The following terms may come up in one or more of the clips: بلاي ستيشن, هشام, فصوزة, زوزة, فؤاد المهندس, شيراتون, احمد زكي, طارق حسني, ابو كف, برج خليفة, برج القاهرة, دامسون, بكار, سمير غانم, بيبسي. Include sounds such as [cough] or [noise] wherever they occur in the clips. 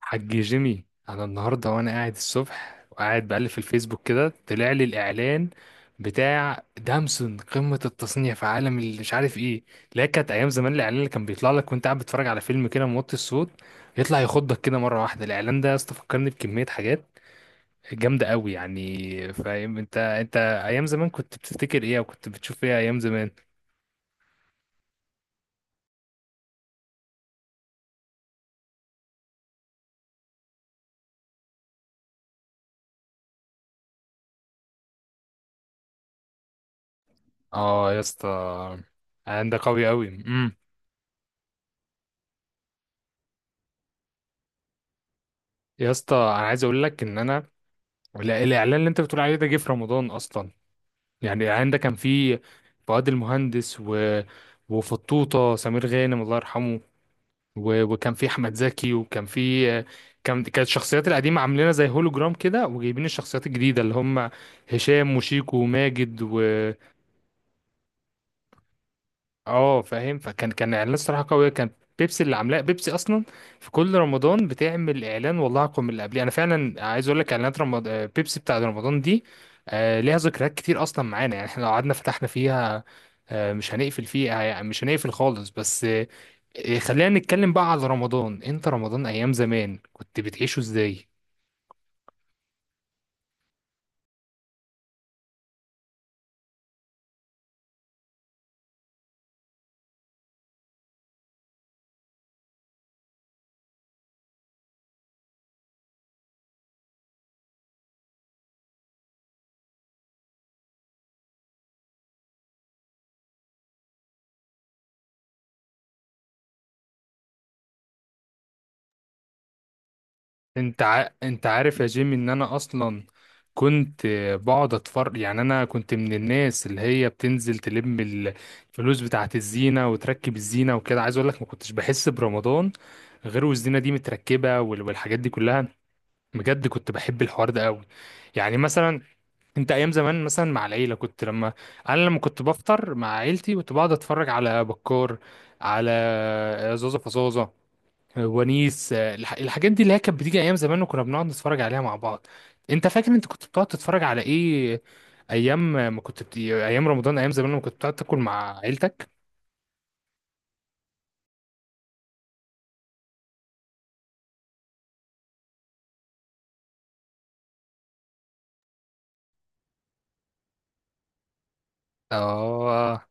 حاج جيمي، انا النهارده وانا قاعد الصبح وقاعد بقلب في الفيسبوك كده طلع لي الاعلان بتاع دامسون، قمه التصنيع في عالم اللي مش عارف ايه. لا كانت ايام زمان الاعلان اللي كان بيطلع لك وانت قاعد بتتفرج على فيلم كده موطي الصوت، يطلع يخضك كده مره واحده. الاعلان ده يا اسطى فكرني بكميه حاجات جامده قوي، يعني فاهم؟ انت ايام زمان كنت بتفتكر ايه وكنت بتشوف ايه ايام زمان؟ اه يا اسطى، الإعلان ده قوي قوي. يا اسطى انا عايز اقول لك ان انا، لا الاعلان اللي انت بتقول عليه ده جه في رمضان اصلا. يعني الاعلان ده كان فيه فؤاد المهندس وفطوطه سمير غانم الله يرحمه، وكان فيه احمد زكي، وكان فيه، كانت الشخصيات القديمه عاملينها زي هولوجرام كده، وجايبين الشخصيات الجديده اللي هم هشام وشيكو وماجد اه فاهم. فكان كان اعلان صراحه قويه، كان بيبسي اللي عاملاه، بيبسي اصلا في كل رمضان بتعمل اعلان والله اقوى من اللي قبليه. انا فعلا عايز اقول لك، اعلانات رمضان، بيبسي بتاع رمضان دي، ليها ذكريات كتير اصلا معانا، يعني احنا لو قعدنا فتحنا فيها مش هنقفل فيها، يعني مش هنقفل خالص. بس خلينا نتكلم بقى على رمضان. انت رمضان ايام زمان كنت بتعيشه ازاي؟ انت عارف يا جيمي ان انا اصلا كنت بقعد اتفرج، يعني انا كنت من الناس اللي هي بتنزل تلم الفلوس بتاعت الزينة وتركب الزينة وكده. عايز اقول لك، ما كنتش بحس برمضان غير والزينة دي متركبة، والحاجات دي كلها. بجد كنت بحب الحوار ده قوي. يعني مثلا انت ايام زمان مثلا مع العيلة كنت لما انا لما كنت بفطر مع عيلتي كنت بقعد اتفرج على بكار، على زوزة فصوزة، ونيس. الحاجات دي اللي هي كانت بتيجي ايام زمان، وكنا بنقعد نتفرج عليها مع بعض. انت فاكر انت كنت بتقعد تتفرج على ايه ايام ما كنت ايام رمضان ايام زمان لما كنت بتقعد تاكل مع عيلتك؟ اه،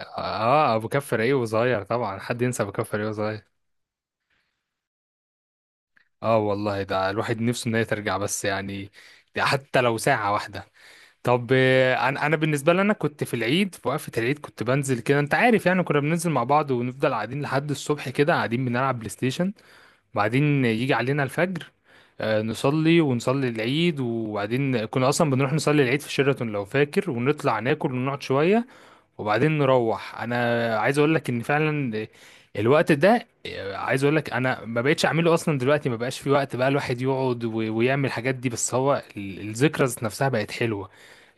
اه، ابو كف رايق وصغير، طبعا. حد ينسى ابو كف رايق وصغير؟ اه والله، ده الواحد نفسه ان هي ترجع، بس يعني ده حتى لو ساعة واحدة. طب، انا بالنسبة لي، انا كنت في العيد، في وقفة العيد كنت بنزل كده. انت عارف يعني كنا بننزل مع بعض ونفضل قاعدين لحد الصبح، كده قاعدين بنلعب بلاي ستيشن. بعدين يجي علينا الفجر، نصلي ونصلي العيد، وبعدين كنا اصلا بنروح نصلي العيد في شيراتون لو فاكر، ونطلع ناكل ونقعد شوية. وبعدين نروح. انا عايز اقول لك ان فعلا الوقت ده، عايز اقول لك انا ما بقتش اعمله اصلا دلوقتي. ما بقاش في وقت بقى الواحد يقعد ويعمل الحاجات دي. بس هو الذكرى ذات نفسها بقت حلوة.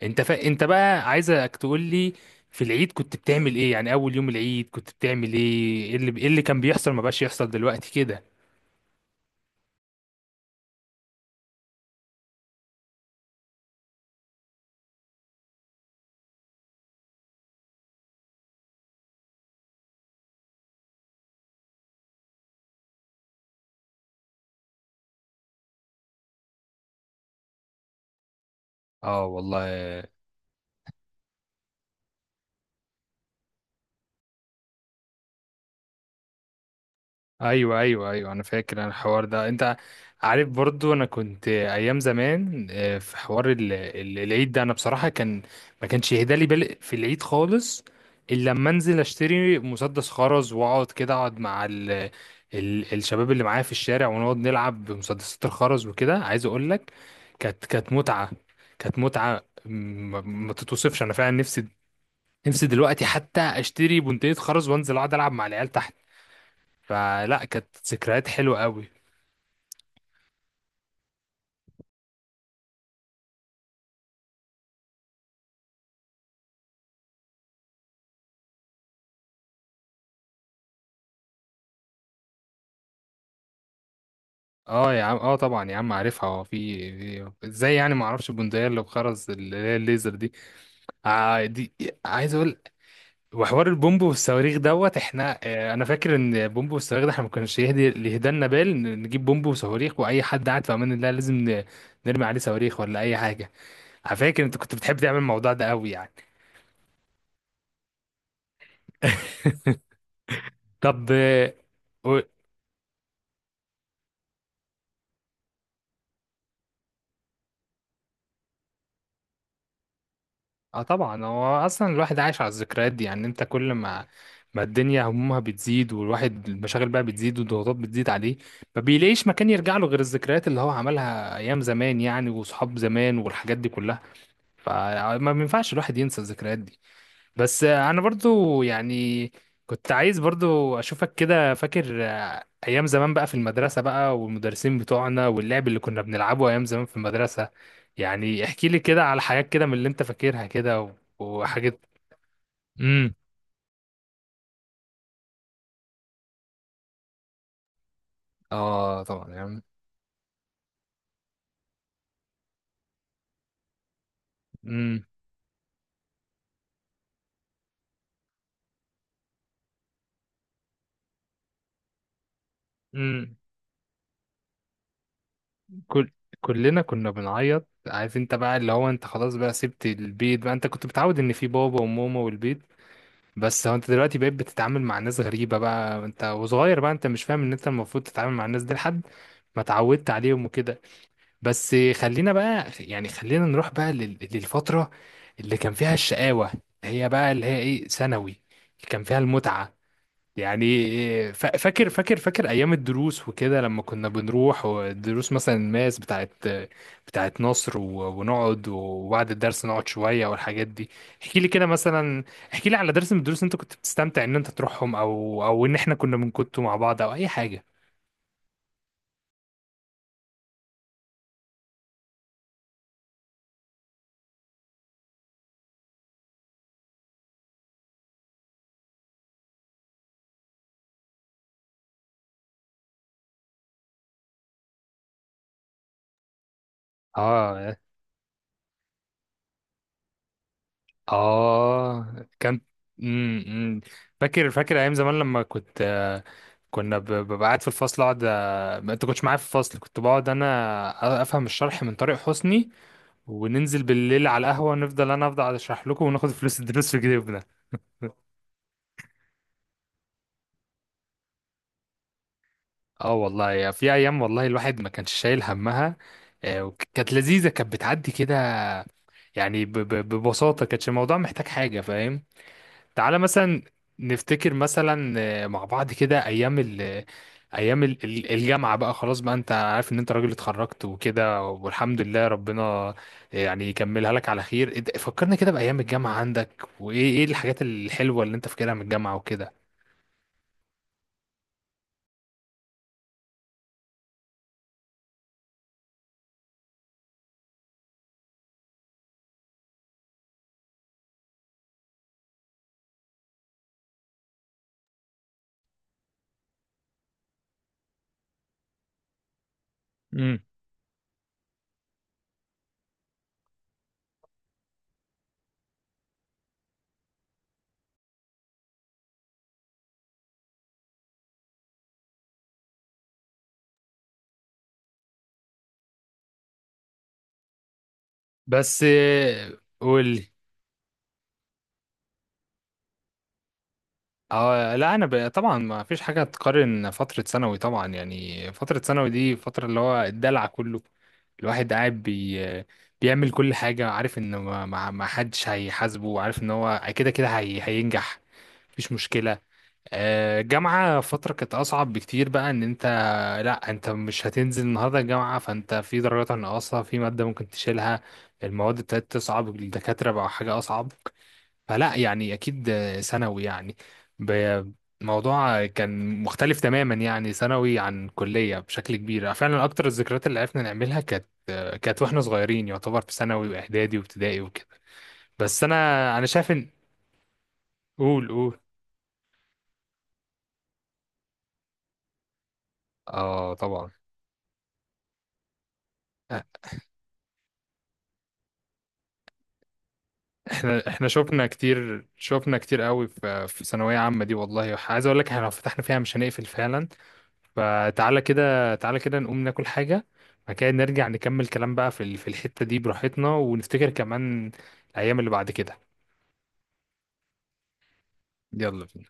انت بقى عايزك تقول لي، في العيد كنت بتعمل ايه؟ يعني اول يوم العيد كنت بتعمل ايه، ايه اللي كان بيحصل ما بقاش يحصل دلوقتي كده؟ اه والله. ايوه ايوه ايوه، انا فاكر انا الحوار ده. انت عارف برضو انا كنت ايام زمان في حوار العيد ده، انا بصراحه كان ما كانش يهدالي بالي في العيد خالص، الا لما انزل اشتري مسدس خرز واقعد كده اقعد مع ال ال الشباب اللي معايا في الشارع، ونقعد نلعب بمسدسات الخرز وكده. عايز اقول لك، كانت متعه. كانت متعه ما تتوصفش. انا فعلا نفسي، نفسي دلوقتي حتى اشتري بندقية خرز وانزل اقعد العب مع العيال تحت. فلا كانت ذكريات حلوة قوي. اه يا عم، اه طبعا يا عم عارفها. هو في ازاي يعني ما اعرفش البندقية اللي بخرز اللي هي الليزر دي؟ آه دي عايز اقول. وحوار البومب والصواريخ دوت احنا، انا فاكر ان بومب والصواريخ ده احنا ما كانش يهدي اللي يهدالنا، نجيب بومب وصواريخ، واي حد قاعد في امان الله لازم نرمي عليه صواريخ ولا اي حاجة. انا فاكر انت كنت بتحب تعمل الموضوع ده قوي يعني. [laughs] طب، اه طبعا. هو اصلا الواحد عايش على الذكريات دي، يعني انت كل ما الدنيا همومها بتزيد والواحد المشاغل بقى بتزيد والضغوطات بتزيد عليه، ما بيلاقيش مكان يرجع له غير الذكريات اللي هو عملها ايام زمان يعني، وصحاب زمان والحاجات دي كلها. فما بينفعش الواحد ينسى الذكريات دي. بس انا برضو يعني كنت عايز برضو اشوفك كده فاكر، ايام زمان بقى في المدرسة بقى، والمدرسين بتوعنا، واللعب اللي كنا بنلعبه ايام زمان في المدرسة. يعني احكي لي كده على حاجات كده من اللي انت فاكرها كده وحاجات. امم اه طبعا يعني. امم امم كل كلنا كنا بنعيط. عارف انت بقى اللي هو، انت خلاص بقى سبت البيت بقى. انت كنت متعود ان في بابا وماما والبيت، بس هو انت دلوقتي بقيت بتتعامل مع ناس غريبة بقى، انت وصغير بقى، انت مش فاهم ان انت المفروض تتعامل مع الناس دي لحد ما اتعودت عليهم وكده. بس خلينا بقى يعني، خلينا نروح بقى للفترة اللي كان فيها الشقاوة. هي بقى اللي هي ايه؟ ثانوي اللي كان فيها المتعة. يعني فاكر ايام الدروس وكده، لما كنا بنروح والدروس مثلا الماس بتاعت نصر، ونقعد وبعد الدرس نقعد شويه والحاجات دي. احكي لي كده مثلا، احكي لي على درس من الدروس انت كنت بتستمتع ان انت تروحهم، او ان احنا كنا بنكتوا مع بعض، او اي حاجه. اه، اه كان. امم امم. فاكر ايام زمان لما كنت، كنا ببقى قاعد في الفصل، اقعد ما انت كنتش معايا في الفصل، كنت بقعد انا افهم الشرح من طارق حسني، وننزل بالليل على القهوه ونفضل انا افضل اشرح لكم، وناخد فلوس الدروس في جيبنا. اه والله، يا في ايام والله الواحد ما كانش شايل همها. وكانت لذيذه، كانت بتعدي كده. يعني ببساطه كانتش الموضوع محتاج حاجه، فاهم؟ تعالى مثلا نفتكر مثلا، مع بعض كده ايام الجامعه بقى. خلاص بقى انت عارف ان انت راجل اتخرجت وكده، والحمد لله ربنا يعني يكملها لك على خير. فكرنا كده بايام الجامعه عندك، وايه الحاجات الحلوه اللي انت فاكرها من الجامعه وكده. امم بس قول. اه لا، طبعا ما فيش حاجه تقارن فتره ثانوي طبعا. يعني فتره ثانوي دي فتره اللي هو الدلع كله. الواحد قاعد بيعمل كل حاجه، عارف ان ما حدش هيحاسبه، عارف ان هو كده كده هينجح. مفيش مشكله. جامعه فتره كانت اصعب بكتير بقى. ان انت، لا انت مش هتنزل النهارده الجامعه، فانت في درجات ناقصه في ماده ممكن تشيلها. المواد ابتدت تصعب، الدكاتره بقى حاجه اصعب. فلا يعني اكيد ثانوي يعني، ب- الموضوع كان مختلف تماما، يعني ثانوي عن كليه بشكل كبير. فعلا اكتر الذكريات اللي عرفنا نعملها كانت واحنا صغيرين يعتبر، في ثانوي واعدادي وابتدائي وكده. بس انا شايف ان، قول قول. اه طبعا. احنا شفنا كتير، شفنا كتير قوي في ثانويه عامه دي والله. عايز اقول لك احنا لو فتحنا فيها مش هنقفل فعلا. فتعالى كده، تعالى كده نقوم ناكل حاجة، بعد كده نرجع نكمل كلام بقى في في الحتة دي براحتنا، ونفتكر كمان الأيام اللي بعد كده. يلا بينا.